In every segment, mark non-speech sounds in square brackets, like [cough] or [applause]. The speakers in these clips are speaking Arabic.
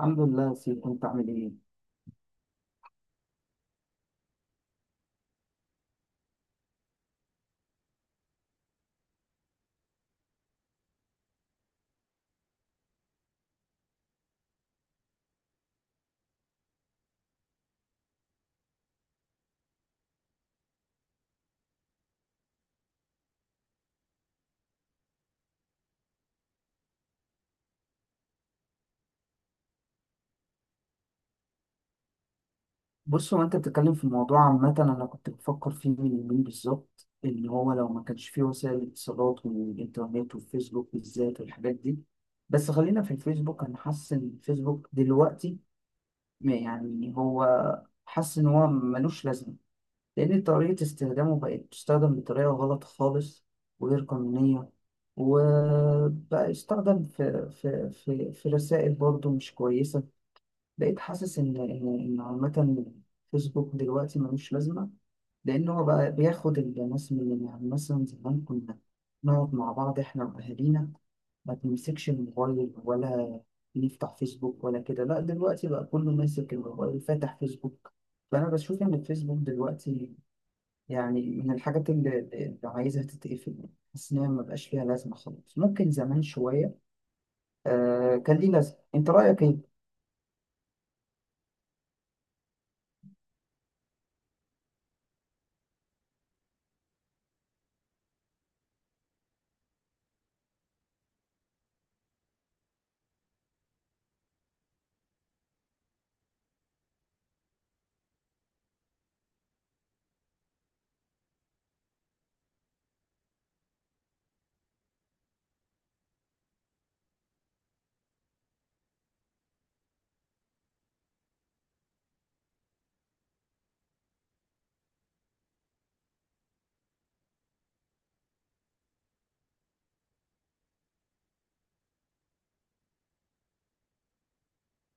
الحمد لله يا سيدي، كنت عامل ايه؟ بص، هو انت بتتكلم في الموضوع عامة، انا كنت بفكر فيه من يومين بالظبط ان هو لو ما كانش فيه وسائل الاتصالات والانترنت والفيسبوك بالذات والحاجات دي. بس خلينا في الفيسبوك، انا حاسس ان الفيسبوك دلوقتي ما يعني هو حاسس ان هو ملوش لازمة، لان طريقة استخدامه بقت تستخدم بطريقة غلط خالص، وغير قانونية، وبقى يستخدم في رسائل برضه مش كويسة. بقيت حاسس ان ان إن عامة، فيسبوك دلوقتي ملوش لازمة. لأن هو بقى بياخد الناس، من يعني مثلا زمان كنا نقعد مع بعض إحنا وأهالينا، ما بنمسكش الموبايل ولا بنفتح فيسبوك ولا كده. لا، دلوقتي بقى كله ماسك الموبايل فاتح فيسبوك. فأنا بشوف إن الفيسبوك دلوقتي يعني من الحاجات اللي عايزها تتقفل. حاسس إن هي مبقاش ليها لازمة خالص، ممكن زمان شوية آه كان ليه لازمة. أنت رأيك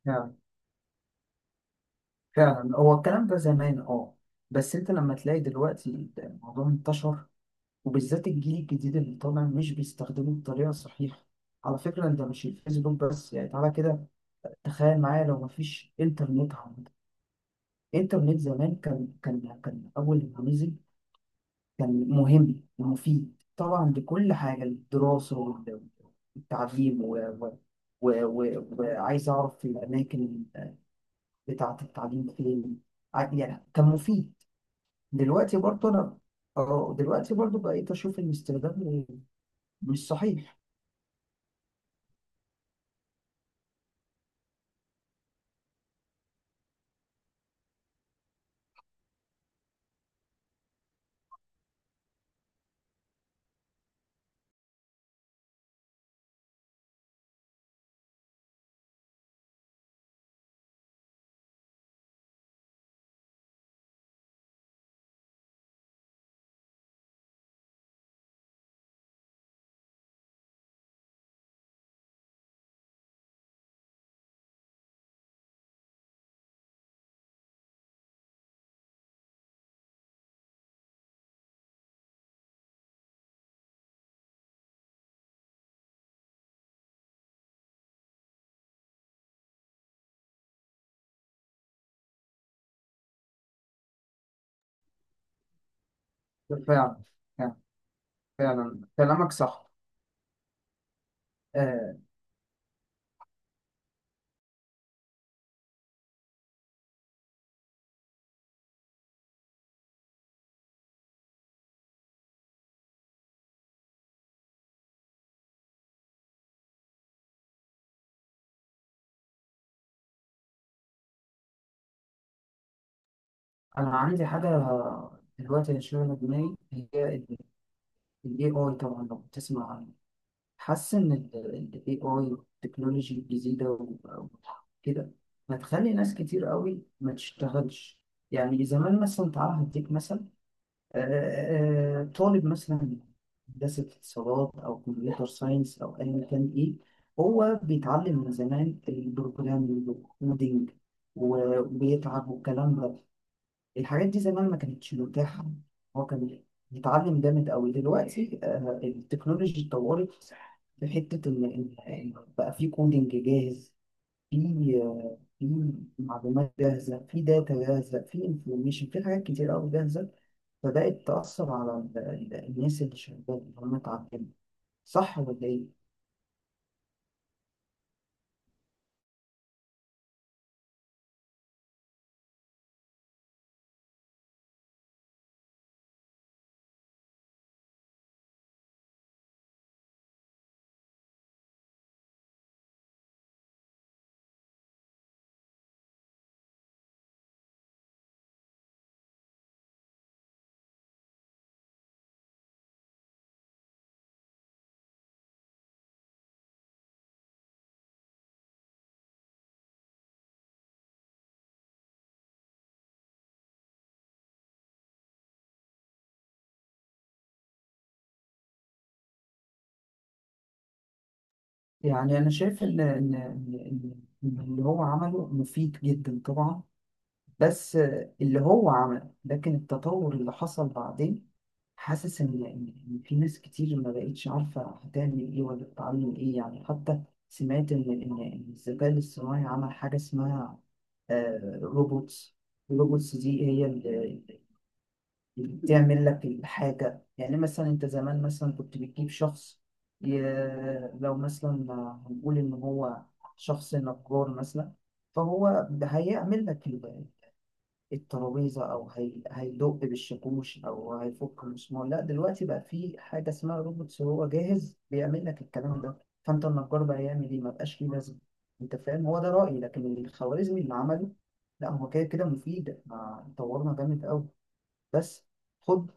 إيه؟ فعلا هو الكلام ده زمان اه. بس انت لما تلاقي دلوقتي الموضوع انتشر، وبالذات الجيل الجديد اللي طالع مش بيستخدمه بطريقه صحيحه. على فكره انت مش الفيسبوك بس، يعني تعالى كده تخيل معايا لو مفيش انترنت عامه. الانترنت زمان كان اول ما نزل كان مهم ومفيد طبعا لكل حاجه، الدراسه والتعليم و وعايز اعرف الاماكن بتاعه التعليم فين. يعني كان مفيد. دلوقتي برضه انا اه دلوقتي برضه بقيت اشوف ان استخدامه مش صحيح. فعلا، يعني فعلا كلامك صح آه. انا عندي حاجه دلوقتي اللي شغاله دماغي هي الاي اي، طبعا لو بتسمع عنه. حاسس ان الاي اي والتكنولوجي الجديده وكده هتخلي ناس كتير قوي ما تشتغلش. يعني زمان مثلا تعالى هديك مثلا، طالب مثلا هندسة اتصالات أو كمبيوتر ساينس أو أيا كان إيه. هو بيتعلم من زمان البروجرامينج والكودينج وبيتعب والكلام ده. الحاجات دي زمان ما كانتش متاحة، هو كان بيتعلم جامد أوي. دلوقتي التكنولوجي اتطورت، في حتة إن إن بقى في كودينج جاهز، في في معلومات جاهزة، في داتا جاهزة، في انفورميشن، في حاجات كتير أوي جاهزة، بدأت تأثر على الناس اللي شغالة اللي هم اتعلموا. صح ولا إيه؟ يعني أنا شايف إن اللي هو عمله مفيد جدا طبعا. بس اللي هو عمله، لكن التطور اللي حصل بعدين حاسس إن في ناس كتير ما بقتش عارفة هتعمل إيه ولا تتعلم إيه. يعني حتى سمعت إن الذكاء الاصطناعي عمل حاجة اسمها روبوتس. الروبوتس دي هي تعمل لك الحاجة. يعني مثلا أنت زمان مثلا كنت بتجيب شخص ي... لو مثلا هنقول إن هو شخص نجار مثلا، فهو هيعمل لك الترابيزة أو هيدق بالشاكوش أو هيفك المسمار. لا، دلوقتي بقى في حاجة اسمها روبوت، هو جاهز بيعمل لك الكلام ده. فأنت النجار بقى يعمل إيه؟ مبقاش ليه لازمة. أنت فاهم؟ هو ده رأيي، لكن الخوارزمي اللي عمله، لا هو كده كده مفيد. ما طورنا جامد أوي بس. خد.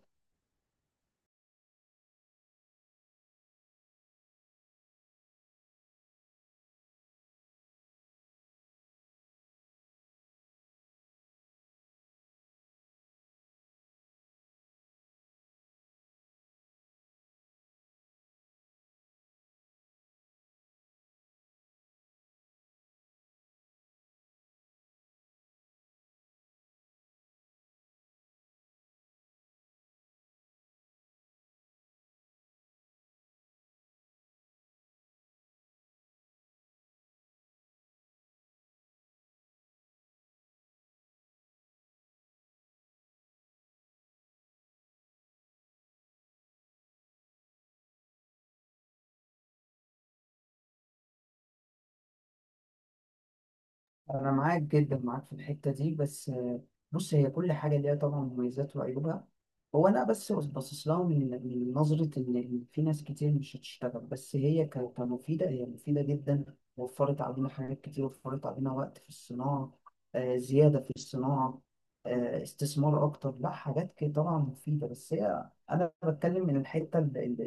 أنا معاك جدا، معاك في الحتة دي بس، بص، هي كل حاجة ليها طبعا مميزات وعيوبها. هو أنا بس باصص لها من نظرة إن في ناس كتير مش هتشتغل، بس هي كمفيدة، هي مفيدة جدا. وفرت علينا حاجات كتير، وفرت علينا وقت في الصناعة، زيادة في الصناعة، استثمار أكتر. لا، حاجات كده طبعا مفيدة. بس هي أنا بتكلم من الحتة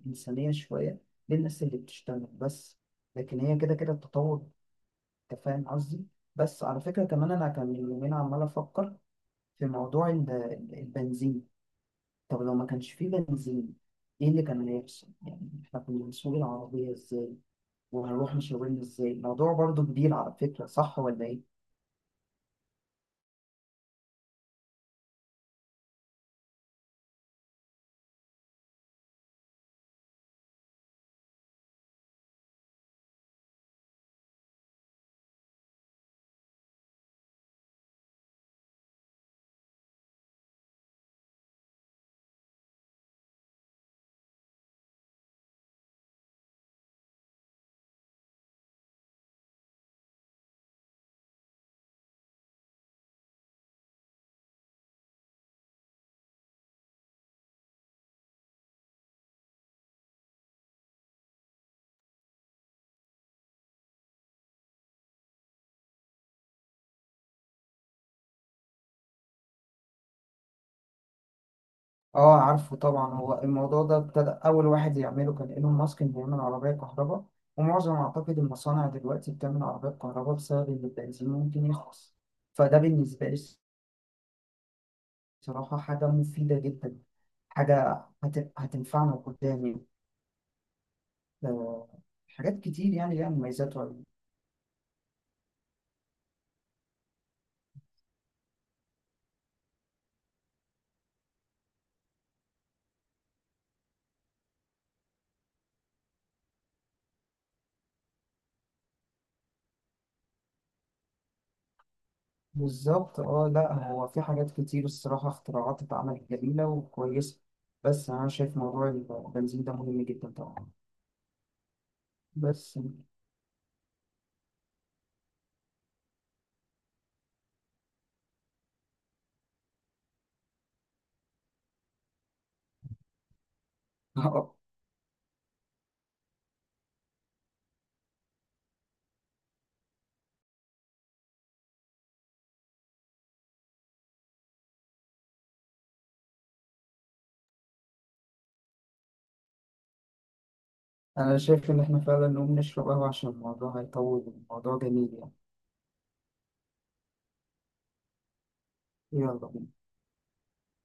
الإنسانية شوية، للناس اللي بتشتغل بس. لكن هي كده كده التطور. انت فاهم قصدي. بس على فكرة كمان انا كان من يومين عمال افكر في موضوع البنزين. طب لو ما كانش فيه بنزين، ايه اللي كان هيحصل؟ يعني احنا كنا بنسوق العربية ازاي وهنروح مشاورين ازاي؟ الموضوع برضو كبير على فكرة، صح ولا ايه؟ اه عارفه طبعا. هو الموضوع ده ابتدى اول واحد يعمله كان ايلون ماسك، انه يعمل عربية كهرباء. ومعظم اعتقد المصانع دلوقتي بتعمل عربية كهرباء بسبب ان البنزين ممكن يخلص. فده بالنسبة لي بصراحة حاجة مفيدة جدا، حاجة هتنفعنا قدام. آه، حاجات كتير يعني ليها مميزات وعيوب. بالظبط. اه لا، هو في حاجات كتير الصراحة اختراعات اتعملت جميلة وكويسة، بس أنا شايف موضوع البنزين ده مهم جدا طبعا بس. [laughs] آه، أنا شايف إن إحنا فعلا نقوم نشرب قهوة، عشان الموضوع هيطول. الموضوع جميل يعني. يلا بينا.